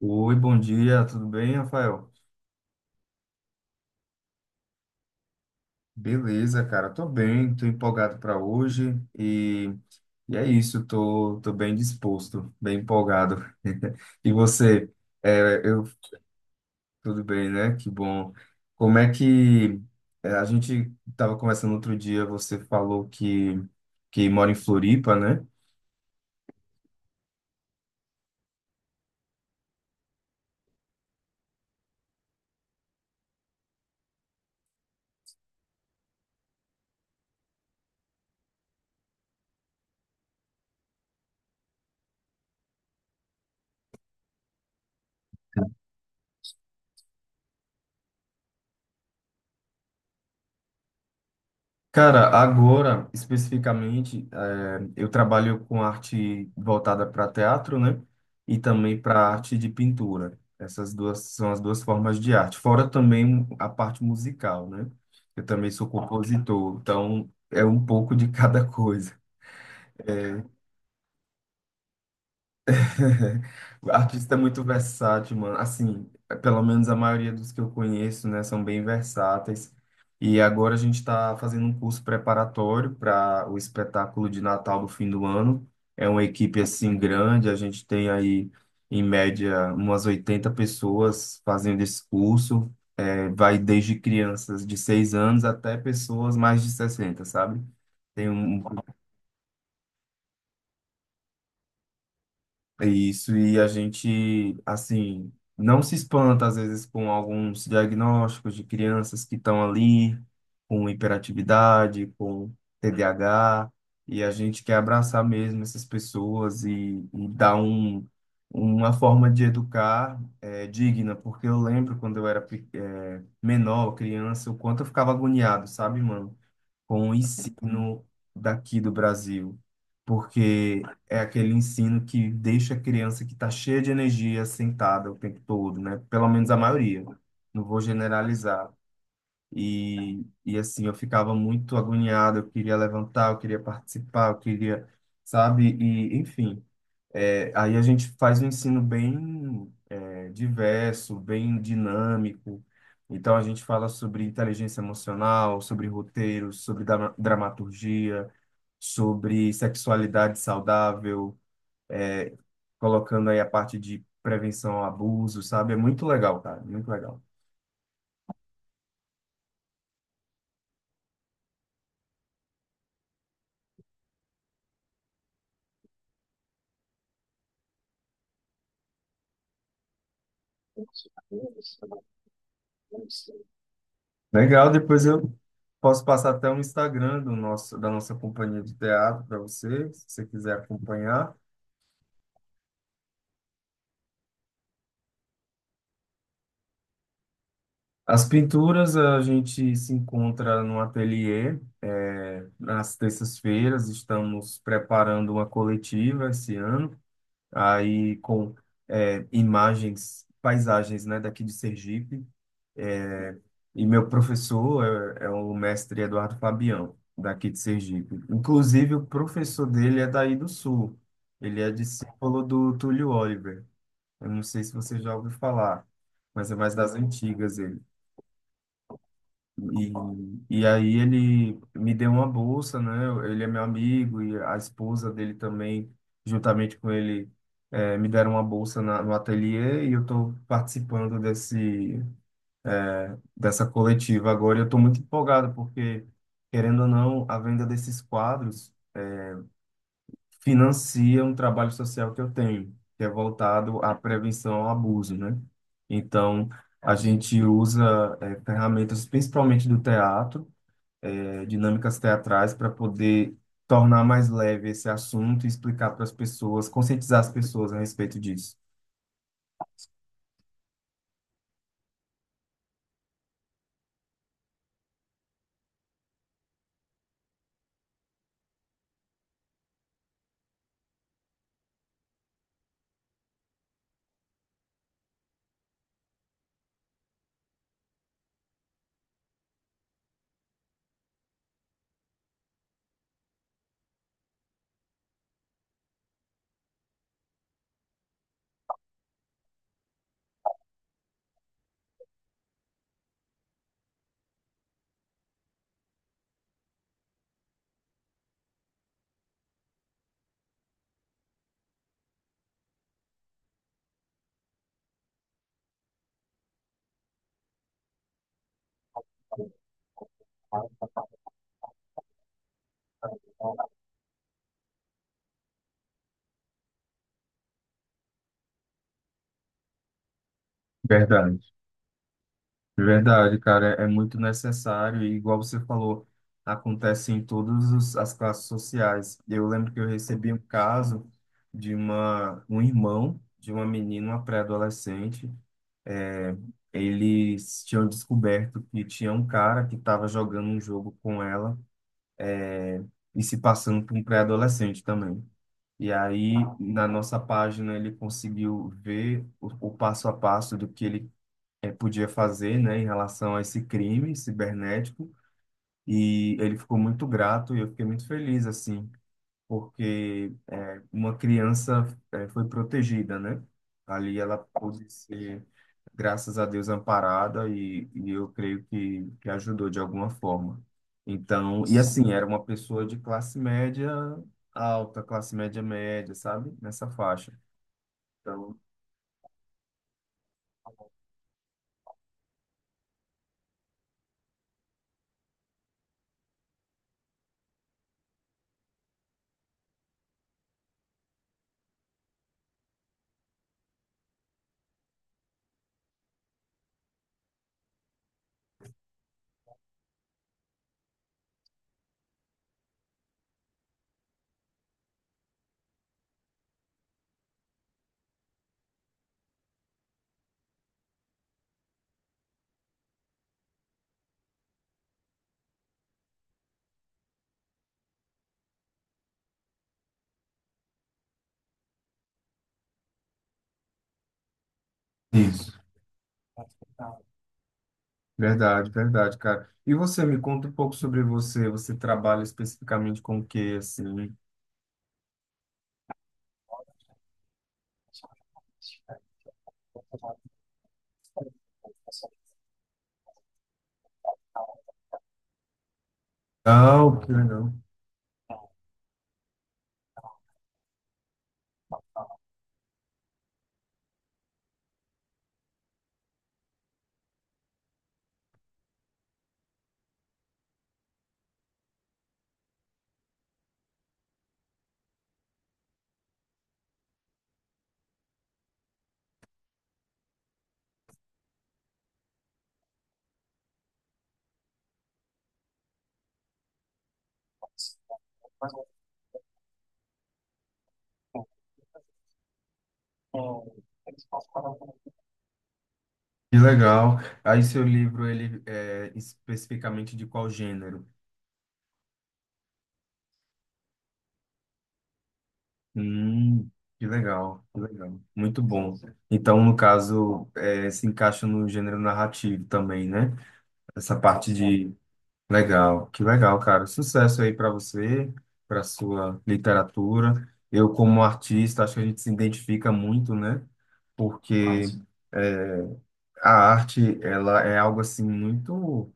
Oi, bom dia, tudo bem, Rafael? Beleza, cara, tô bem, tô empolgado para hoje e, é isso, tô bem disposto, bem empolgado. E você? É, eu, tudo bem, né? Que bom. Como é que é, a gente tava conversando outro dia, você falou que mora em Floripa, né? Cara, agora, especificamente, eu trabalho com arte voltada para teatro, né? E também para arte de pintura. Essas duas são as duas formas de arte. Fora também a parte musical, né? Eu também sou compositor, então é um pouco de cada coisa. É, artista é muito versátil, mano. Assim, pelo menos a maioria dos que eu conheço, né, são bem versáteis. E agora a gente está fazendo um curso preparatório para o espetáculo de Natal do fim do ano. É uma equipe assim grande, a gente tem aí em média umas 80 pessoas fazendo esse curso. É, vai desde crianças de 6 anos até pessoas mais de 60, sabe? Tem um É isso, e a gente, assim, não se espanta às vezes com alguns diagnósticos de crianças que estão ali com hiperatividade, com TDAH, e a gente quer abraçar mesmo essas pessoas e dar uma forma de educar, digna, porque eu lembro quando eu era menor, criança, o quanto eu ficava agoniado, sabe, mano? Com o ensino daqui do Brasil, porque é aquele ensino que deixa a criança que está cheia de energia sentada o tempo todo, né? Pelo menos a maioria, não vou generalizar. E assim, eu ficava muito agoniado, eu queria levantar, eu queria participar, eu queria, sabe? E, enfim. É, aí a gente faz um ensino bem, diverso, bem dinâmico. Então a gente fala sobre inteligência emocional, sobre roteiros, sobre dramaturgia, sobre sexualidade saudável, é, colocando aí a parte de prevenção ao abuso, sabe? É muito legal, cara, muito legal. Legal, depois eu posso passar até o Instagram da nossa companhia de teatro para você, se você quiser acompanhar. As pinturas a gente se encontra no ateliê, nas terças-feiras, estamos preparando uma coletiva esse ano, aí com imagens, paisagens, né, daqui de Sergipe. É, e meu professor é o mestre Eduardo Fabião, daqui de Sergipe. Inclusive, o professor dele é daí do Sul, ele é discípulo do Túlio Oliver. Eu não sei se você já ouviu falar, mas é mais das antigas. E, e aí ele me deu uma bolsa, né? Ele é meu amigo e a esposa dele também, juntamente com ele, me deram uma bolsa no ateliê e eu estou participando dessa coletiva agora. E eu estou muito empolgado porque, querendo ou não, a venda desses quadros financia um trabalho social que eu tenho, que é voltado à prevenção ao abuso, né? Então, a gente usa ferramentas principalmente do teatro, dinâmicas teatrais para poder tornar mais leve esse assunto e explicar para as pessoas, conscientizar as pessoas a respeito disso. Verdade. Verdade, cara, é muito necessário e, igual você falou, acontece em todas as classes sociais. Eu lembro que eu recebi um caso de uma um irmão de uma menina, uma pré-adolescente. é, Eles tinham descoberto que tinha um cara que estava jogando um jogo com ela é, e se passando por um pré-adolescente também. E aí, na nossa página, ele conseguiu ver o passo a passo do que ele podia fazer, né, em relação a esse crime cibernético. E ele ficou muito grato e eu fiquei muito feliz, assim, porque uma criança, foi protegida, né? Ali ela pôde ser, graças a Deus, amparada, e eu creio que ajudou de alguma forma. Então, e assim, era uma pessoa de classe média alta, classe média média, sabe? Nessa faixa. Então, isso. Verdade, verdade, cara. E você, me conta um pouco sobre você. Você trabalha especificamente com o quê, assim? Ah, que legal. Que legal. Aí, seu livro, ele é especificamente de qual gênero? Hum, que legal, que legal. Muito bom. Então, no caso, se encaixa no gênero narrativo também, né? Essa parte de. Legal, que legal, cara. Sucesso aí para você, para sua literatura. Eu, como artista, acho que a gente se identifica muito, né? Porque. A arte, ela é algo assim muito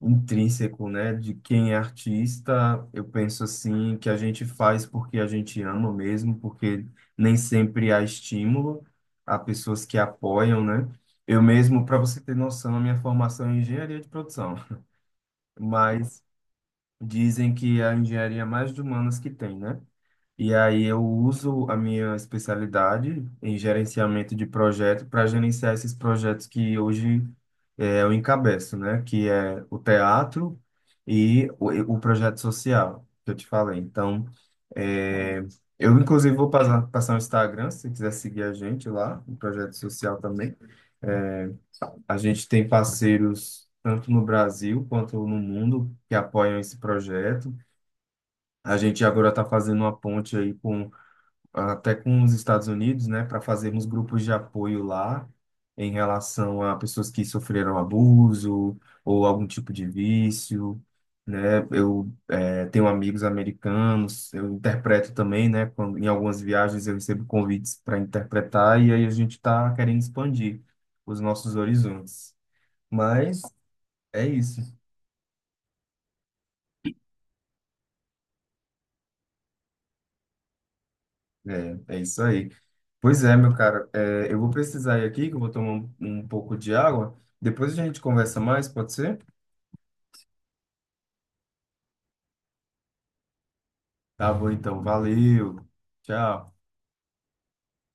intrínseco, né? De quem é artista, eu penso assim que a gente faz porque a gente ama mesmo, porque nem sempre há estímulo, há pessoas que apoiam, né? Eu mesmo, para você ter noção, a minha formação é em engenharia de produção, mas dizem que é a engenharia é mais de humanas que tem, né? E aí eu uso a minha especialidade em gerenciamento de projeto para gerenciar esses projetos que hoje, eu encabeço, né? Que é o teatro e o projeto social que eu te falei. Então, eh, eu inclusive vou passar o Instagram, se você quiser seguir a gente lá, o projeto social também. É, A gente tem parceiros tanto no Brasil quanto no mundo que apoiam esse projeto. A gente agora está fazendo uma ponte aí com até com os Estados Unidos, né, para fazermos grupos de apoio lá em relação a pessoas que sofreram abuso ou algum tipo de vício, né? Eu, tenho amigos americanos, eu interpreto também, né? Quando, em algumas viagens eu recebo convites para interpretar e aí a gente está querendo expandir os nossos horizontes. Mas é isso. É isso aí. Pois é, meu cara. Eu vou precisar ir aqui, que eu vou tomar um pouco de água. Depois a gente conversa mais, pode ser? Tá bom, então. Valeu. Tchau.